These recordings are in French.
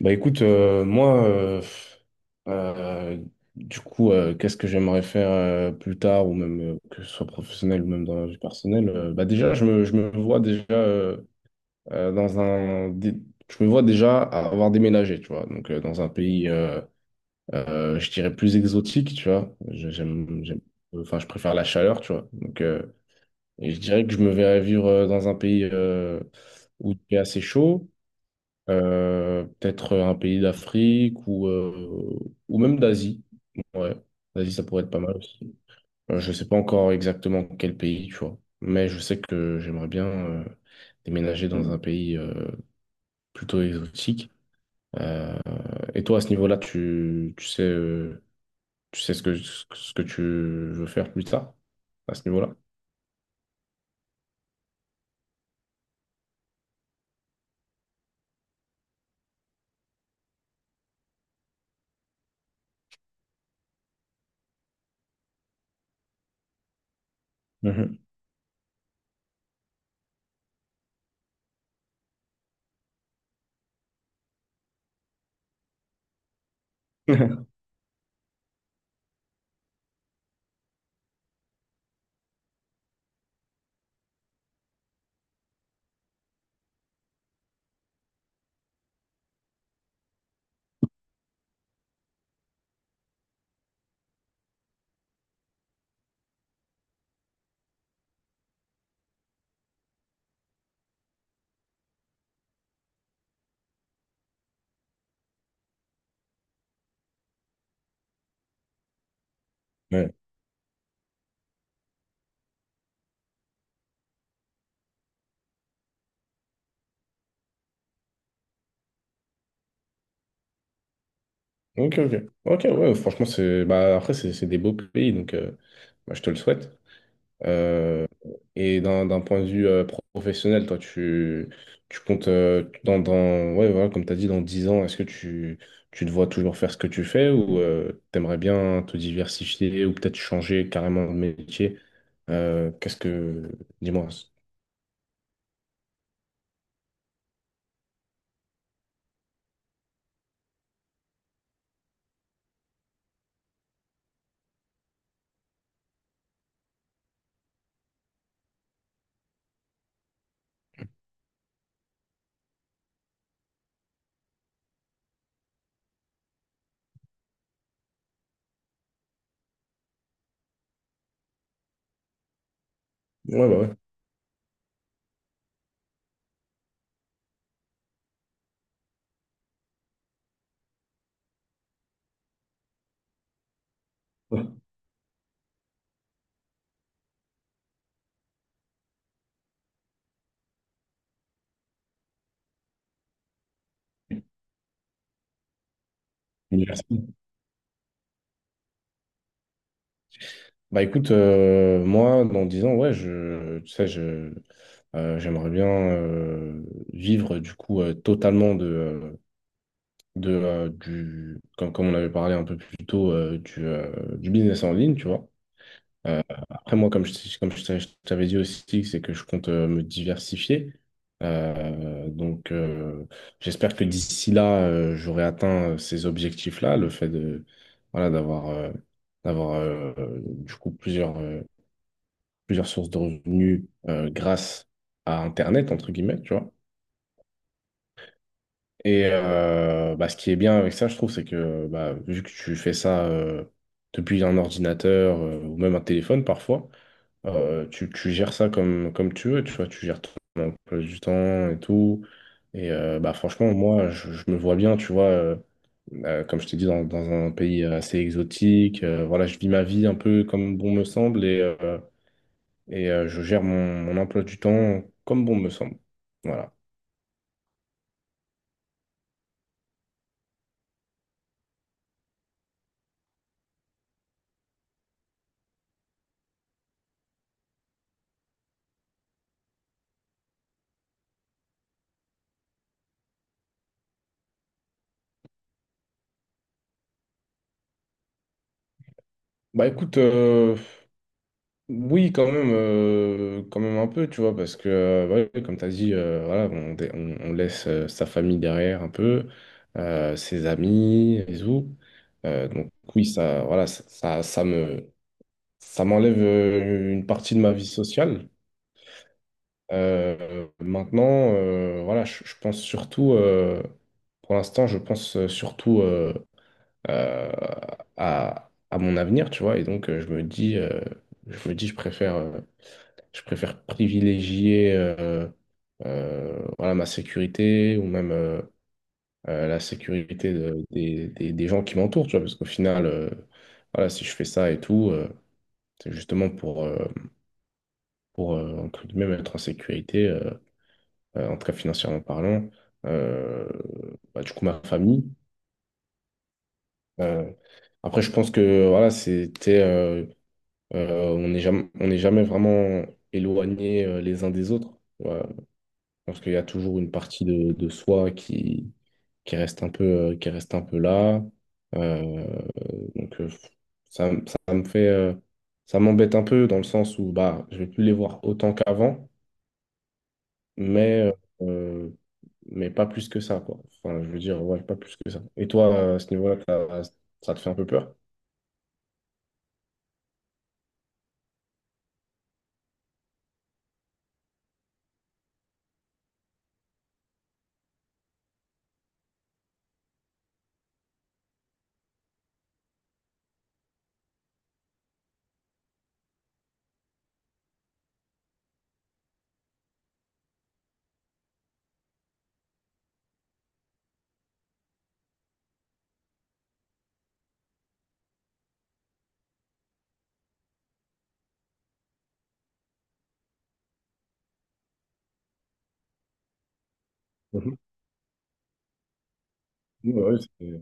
Moi, euh, qu'est-ce que j'aimerais faire plus tard, ou même que ce soit professionnel ou même dans la vie personnelle, bah déjà, je me vois déjà euh, dans un, dé- je me vois déjà avoir déménagé, tu vois, donc dans un pays, je dirais plus exotique, tu vois. J'aime, enfin, je préfère la chaleur, tu vois, et je dirais que je me verrais vivre dans un pays où il fait assez chaud. Peut-être un pays d'Afrique ou même d'Asie. Ouais, l'Asie, ça pourrait être pas mal aussi. Je sais pas encore exactement quel pays, tu vois. Mais je sais que j'aimerais bien déménager dans un pays plutôt exotique. Euh, et toi, à ce niveau-là, tu sais ce que tu veux faire plus tard, à ce niveau-là? Mhm. Ouais. Ok, ok. Ok, ouais, franchement, après, c'est des beaux pays, bah, je te le souhaite. Euh, et d'un point de vue professionnel, toi, tu comptes, ouais, voilà, comme tu as dit, dans 10 ans, est-ce que tu te vois toujours faire ce que tu fais ou t'aimerais bien te diversifier ou peut-être changer carrément de métier? Qu'est-ce que... Dis-moi. Ouais, bah ouais. Ouais. Diversifier. Moi, dans 10 ans, ouais, tu sais, j'aimerais bien vivre du coup totalement comme, comme on avait parlé un peu plus tôt, du business en ligne, tu vois. Après, comme je t'avais dit aussi, c'est que je compte me diversifier. Euh, donc, euh, j'espère que d'ici là, j'aurai atteint ces objectifs-là, le fait de, voilà, d'avoir du coup, plusieurs sources de revenus grâce à Internet, entre guillemets, tu vois. Et bah, ce qui est bien avec ça, je trouve, c'est que bah, vu que tu fais ça depuis un ordinateur ou même un téléphone parfois, tu gères ça comme, comme tu veux, tu vois, tu gères ton emploi du temps et tout. Et bah, franchement, je me vois bien, tu vois, comme je t'ai dit, dans un pays assez exotique. Euh, voilà, je vis ma vie un peu comme bon me semble et je gère mon emploi du temps comme bon me semble. Voilà. Bah écoute, euh, oui, quand même un peu, tu vois, parce que, ouais, comme tu as dit, voilà, bon, on laisse sa famille derrière un peu, ses amis et tout. Donc oui, ça me, ça m'enlève une partie de ma vie sociale. Maintenant, voilà, je pense surtout, pour l'instant, je pense surtout euh, à mon avenir, tu vois, et donc je me dis, je me je préfère. Je préfère privilégier voilà, ma sécurité ou même la sécurité des gens qui m'entourent, tu vois, parce qu'au final, voilà, si je fais ça et tout, c'est justement pour, entre guillemets, être en sécurité, en tout cas financièrement parlant, euh, bah, du coup, ma famille. Euh, après, je pense que voilà, c'était, on n'est jamais vraiment éloignés les uns des autres. Euh, je pense qu'il y a toujours une partie de soi qui reste un peu, qui reste un peu là. Euh, donc, euh, ça, ça me fait, ça m'embête un peu dans le sens où bah, je vais plus les voir autant qu'avant, mais, euh, mais pas plus que ça, quoi. Enfin, je veux dire, ouais, pas plus que ça. Et toi, à ce niveau-là, ça te fait un peu peur? Mhm. Ouais, ouais, c'est-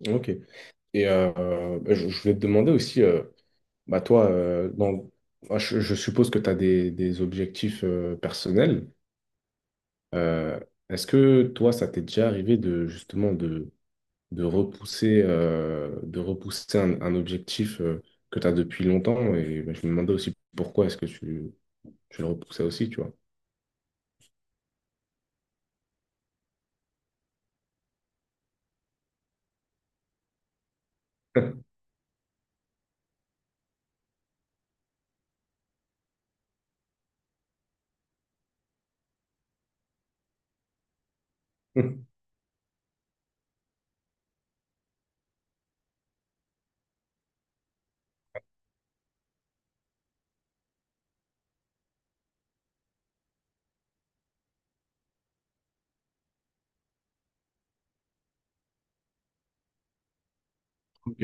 Mhm. Ok. Et je voulais te demander aussi, bah toi, je suppose que tu as des objectifs personnels. Euh, est-ce que toi, ça t'est déjà arrivé de justement de repousser un objectif que tu as depuis longtemps? Et bah, je me demandais aussi pourquoi est-ce que tu le repoussais aussi, tu vois? Ok.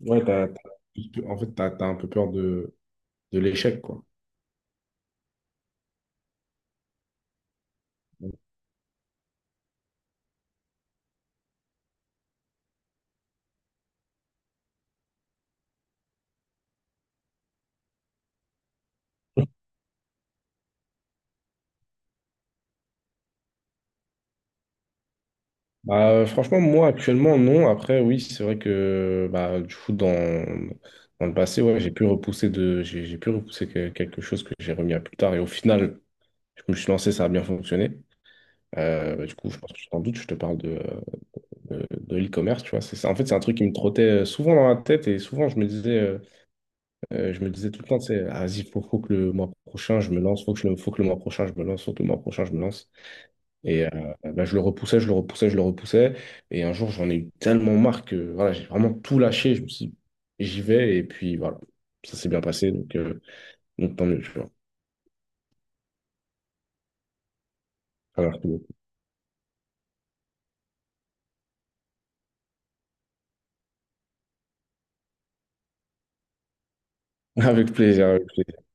Ouais, en fait, tu as, un peu peur de l'échec, quoi. Bah, franchement, moi actuellement, non. Après, oui, c'est vrai que bah, du coup, dans le passé, ouais, j'ai pu repousser quelque chose que j'ai remis à plus tard. Et au final, je me suis lancé, ça a bien fonctionné. Bah, du coup, je pense que tu t'en doutes, je te parle de l'e-commerce, tu vois. C'est ça. En fait, c'est un truc qui me trottait souvent dans la tête et souvent, je me disais tout le temps, c'est, vas-y, faut que le mois prochain, je me lance, faut que le mois prochain, je me lance, faut que le mois prochain, je me lance. Et bah, je le repoussais. Et un jour, j'en ai eu tellement marre que voilà, j'ai vraiment tout lâché. Je me suis dit, j'y vais. Et puis voilà, ça s'est bien passé. Donc tant mieux, tu vois. Ça marche beaucoup. Avec plaisir, avec plaisir.